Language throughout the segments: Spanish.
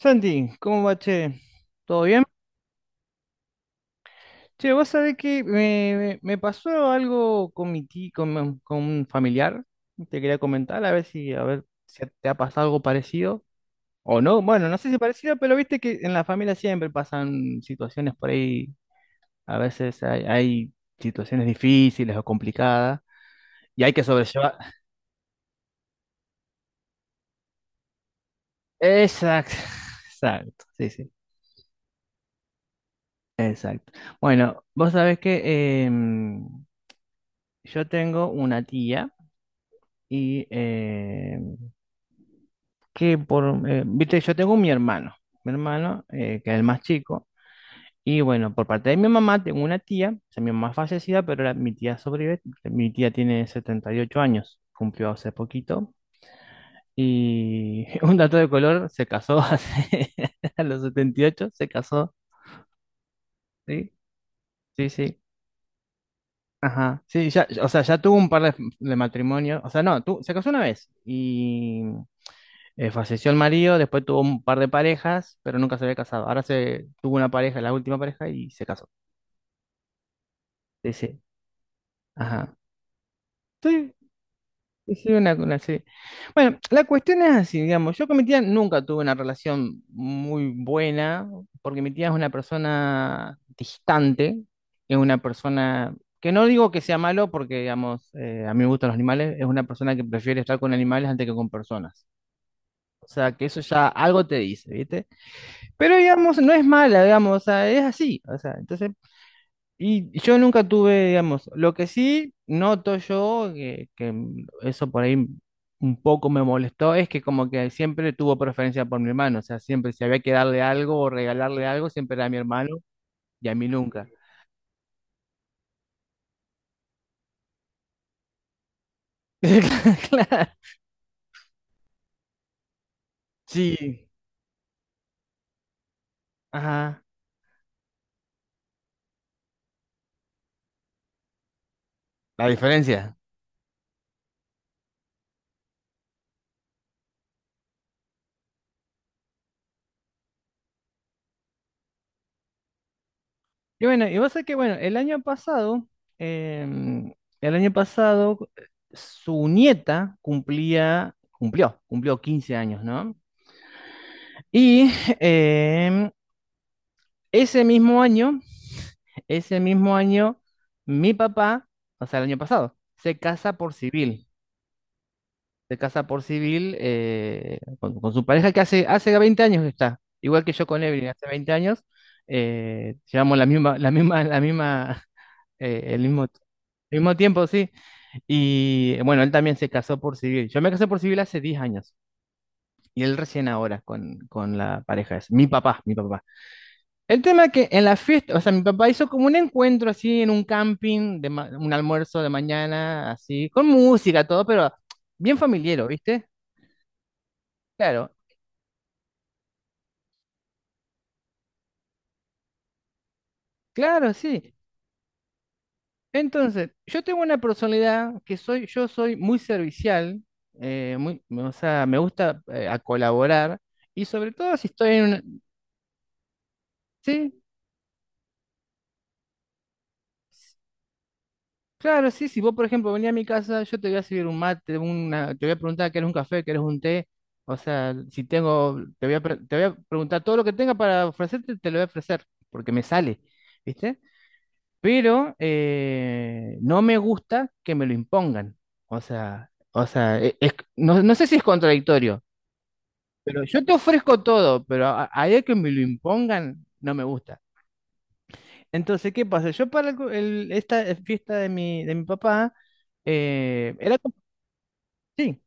Santi, ¿cómo va, che? ¿Todo bien? Che, vos sabés que me pasó algo con mi ti- con un familiar. Te quería comentar, a ver a ver si te ha pasado algo parecido o no. Bueno, no sé si parecido, pero viste que en la familia siempre pasan situaciones por ahí. A veces hay situaciones difíciles o complicadas y hay que sobrellevar. Exacto, exacto, sí, sí. Bueno, vos sabés que yo tengo una tía. Y eh, que viste, yo tengo mi hermano, que es el más chico. Y bueno, por parte de mi mamá tengo una tía, o sea, mi mamá es fallecida, pero mi tía sobrevive. Mi tía tiene 78 años, cumplió hace poquito. Y un dato de color, se casó hace, a los 78 se casó, ¿sí? Sí, sí. Ajá, sí, ya, o sea, ya tuvo de matrimonios, o sea, no, tu- se casó una vez y falleció el marido, después tuvo un par de parejas, pero nunca se había casado. Ahora se tuvo una pareja, la última pareja, y se casó. Dice, ajá. Sí, sí, sí, una serie. Bueno, la cuestión es así, digamos. Yo con mi tía nunca tuve una relación muy buena, porque mi tía es una persona distante, es una persona que no digo que sea malo, porque, digamos, a mí me gustan los animales, es una persona que prefiere estar con animales antes que con personas. O sea, que eso ya algo te dice, ¿viste? Pero digamos, no es mala, digamos, o sea, es así, o sea, entonces, y yo nunca tuve, digamos, lo que sí noto yo, que eso por ahí un poco me molestó, es que como que siempre tuvo preferencia por mi hermano, o sea, siempre si había que darle algo o regalarle algo, siempre era a mi hermano y a mí nunca. Claro, sí, ajá, la diferencia. Y bueno, y vos sabés que, bueno, em, el año pasado, su nieta cumplió 15 años, ¿no? Y em, ese mismo año, ese mismo año, mi papá, o sea, el año pasado, se casa por civil. Se casa por civil con su pareja que hace 20 años que está, igual que yo con Evelyn, hace 20 años, llevamos la misma, el mismo tiempo, sí, y bueno, él también se casó por civil, yo me casé por civil hace 10 años, y él recién ahora con la pareja, es mi papá. El tema es que en la fiesta, o sea, mi papá hizo como un encuentro así en un camping, un almuerzo de mañana, así, con música, todo, pero bien familiar, ¿viste? Claro, claro, sí. Entonces, yo tengo una personalidad que soy, yo soy muy servicial, o sea, me gusta a colaborar y sobre todo si estoy en una... Sí, claro, sí, si vos, por ejemplo, venís a mi casa, yo te voy a servir un mate, una, te voy a preguntar, ¿qué eres un café, qué eres un té? O sea, si tengo, te voy a preguntar todo lo que tenga para ofrecerte, te lo voy a ofrecer, porque me sale, ¿viste? Pero no me gusta que me lo impongan. No, no sé si es contradictorio, pero yo te ofrezco todo, pero a de que me lo impongan, no me gusta. Entonces, ¿qué pasa? Yo para esta fiesta de de mi papá, era como- sí,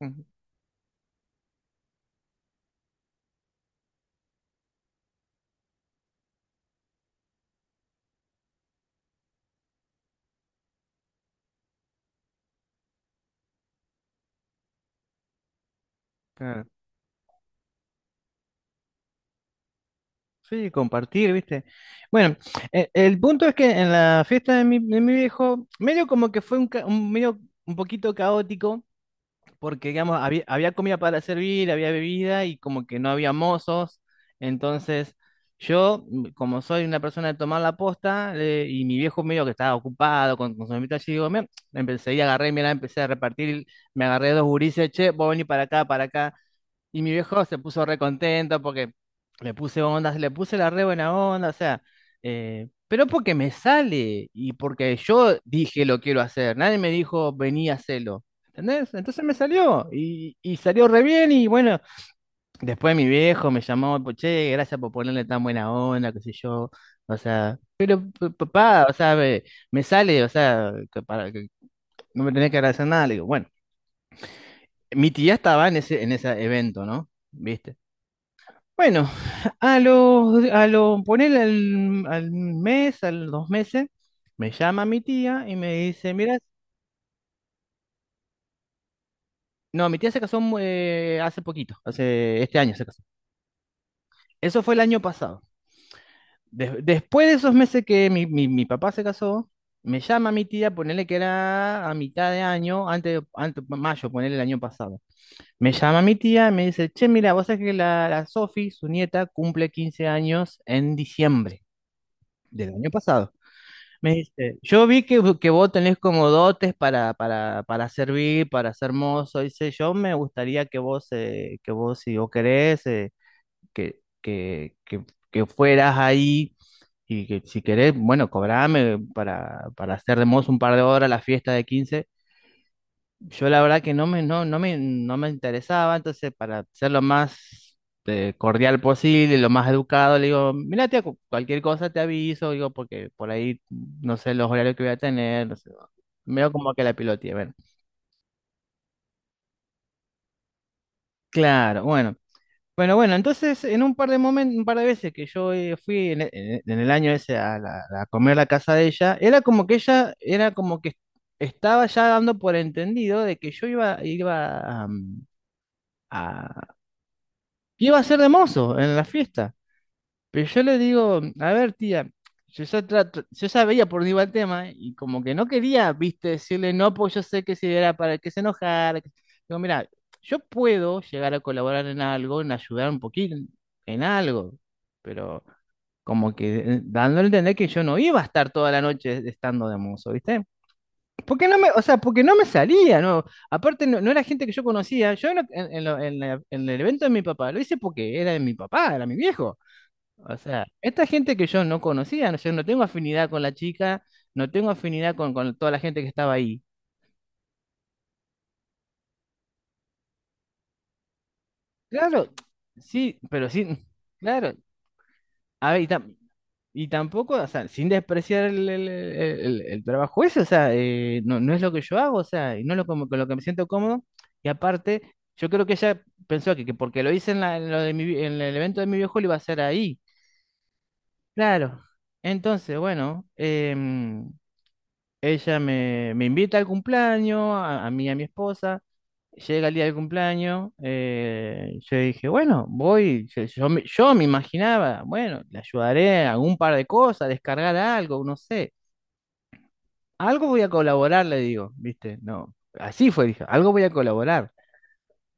ujú, claro, sí, compartir, ¿viste? Bueno, punto es que en la fiesta de de mi viejo, medio como que fue un, un medio un poquito caótico porque digamos, había comida para servir, había bebida y como que no había mozos. Entonces, yo, como soy una persona de tomar la posta, y mi viejo medio que estaba ocupado con su mamita allí, digo, "Mira", empecé y agarré, mira, empecé a repartir, me agarré dos gurises, che, vos venís para acá, para acá. Y mi viejo se puso re contento porque le puse onda, le puse la re buena onda, o sea, pero porque me sale y porque yo dije lo quiero hacer, nadie me dijo vení a hacerlo, ¿entendés? Entonces me salió y salió re bien y bueno, después mi viejo me llamó, pues, che, gracias por ponerle tan buena onda, qué sé yo, o sea, papá, o sea, me sale, o sea, que para, que no me tenés que agradecer nada, le digo, bueno, mi tía estaba en ese evento, ¿no? ¿Viste? Bueno, a los, a lo, poner al, al mes, a los 2 meses, me llama mi tía y me dice, mira, no, mi tía se casó hace poquito, hace este año se casó. Eso fue el año pasado. Después de esos meses que mi papá se casó, me llama mi tía, ponerle que era a mitad de año, antes, antes mayo, ponerle el año pasado. Me llama mi tía y me dice, che, mira, vos sabés que la Sofi, su nieta, cumple 15 años en diciembre del año pasado. Me dice, yo vi que vos tenés como dotes para servir, para ser mozo. Dice, yo me gustaría que vos, si vos querés, que, que, que, que fueras ahí y que si querés, bueno, cobrame para hacer de mozo un par de horas la fiesta de quince. Yo la verdad que no me, no, no me, no me interesaba, entonces para ser lo más cordial posible, lo más educado, le digo, mira, tía, cualquier cosa te aviso, digo, porque por ahí no sé los horarios que voy a tener, no sé, veo como que la piloteé, bueno. Claro, bueno. Bueno, bueno, entonces en un par de momentos, un par de veces que yo fui en, e- en e- en el año ese a comer a la casa de ella, era como que ella, era como que estaba ya dando por entendido de que yo iba, am, a que iba a ser de mozo en la fiesta. Pero yo le digo, a ver, tía, yo ya veía por dónde iba el tema y como que no quería, viste, decirle no, pues yo sé que si era para que se enojara. Que- digo, mira, yo puedo llegar a colaborar en algo, en ayudar un poquito en algo, pero como que dando a entender que yo no iba a estar toda la noche estando de mozo, ¿viste? Porque no me, o sea, porque no me salía, ¿no? Aparte, no, no era gente que yo conocía. Yo en lo- en la- en el evento de mi papá lo hice porque era de mi papá, era mi viejo. O sea, esta gente que yo no conocía, no, yo no tengo afinidad con la chica, no tengo afinidad con toda la gente que estaba ahí. Claro, sí, pero sí, claro. A ver, y tam- y tampoco, o sea, sin despreciar el trabajo ese, o sea, no, no es lo que yo hago, o sea, y no es lo como- con lo que me siento cómodo. Y aparte, yo creo que ella pensó que porque lo hice en lo de en el evento de mi viejo, lo iba a hacer ahí. Claro. Entonces, bueno, ella me, me invita al cumpleaños, a mí y a mi esposa. Llega el día del cumpleaños, yo dije, bueno, voy, yo me imaginaba, bueno, le ayudaré en algún par de cosas, a descargar algo, no sé. Algo voy a colaborar, le digo, ¿viste? No, así fue, dije, algo voy a colaborar.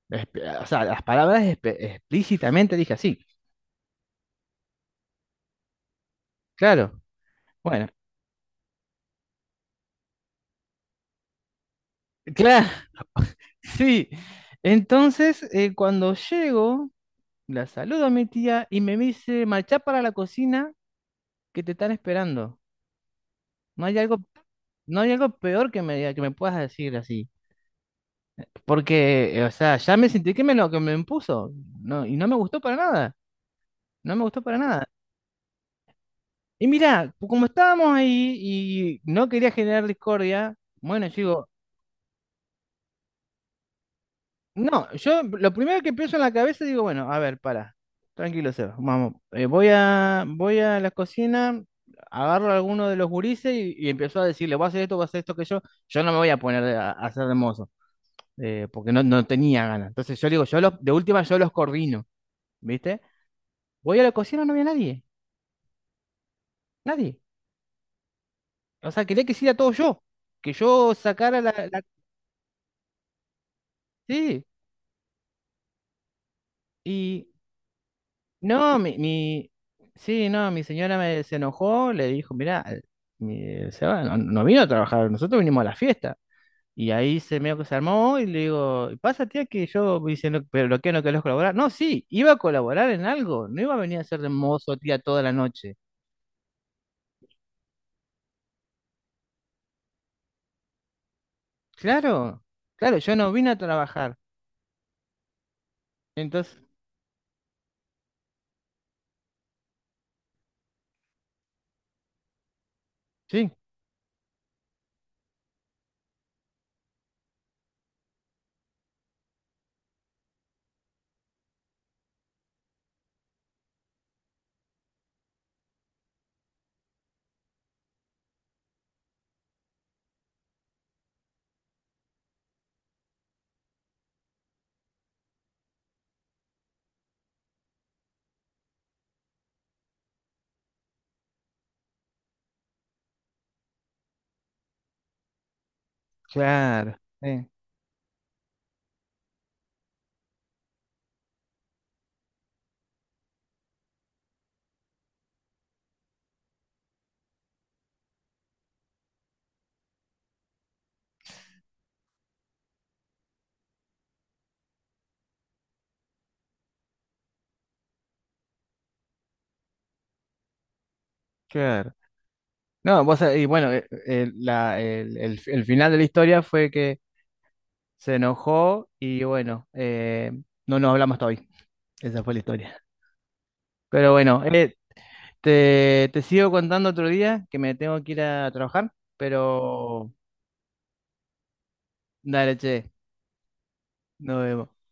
Espe- O sea, las palabras espe- explícitamente dije así, claro, bueno, claro, sí. Entonces, cuando llego, la saludo a mi tía y me dice, marcha para la cocina que te están esperando. No hay algo, no hay algo peor que que me puedas decir así. Porque, o sea, ya me sentí que me lo que me impuso. No, y no me gustó para nada. No me gustó para nada. Y mira, como estábamos ahí y no quería generar discordia, bueno, yo digo, no, yo lo primero que pienso en la cabeza digo, bueno, a ver, para. Tranquilo, Seba. Vamos, voy a la cocina, agarro a alguno de los gurises y empiezo a decirle, voy a hacer esto que yo. Yo no me voy a poner a hacer de mozo, porque no, no tenía ganas. Entonces yo digo, yo los, de última yo los coordino, ¿viste? Voy a la cocina, no había nadie, nadie. O sea, quería que hiciera todo yo, que yo sacara la, la- Sí, no, sí, no, mi señora me, se enojó, le dijo, mirá, se va, no, no vino a trabajar, nosotros vinimos a la fiesta. Y ahí se medio que se armó y le digo, pasa tía que yo, me dice, "no, pero lo que no querés colaborar. No, sí, iba a colaborar en algo, no iba a venir a ser de mozo tía toda la noche. Claro, claro, yo no vine a trabajar. Entonces, sí, claro, sí, claro. No, vos, sabés, y bueno, el final de la historia fue que se enojó y bueno, no nos hablamos hasta hoy. Esa fue la historia. Pero bueno, te sigo contando otro día que me tengo que ir a trabajar, pero dale, che, nos vemos.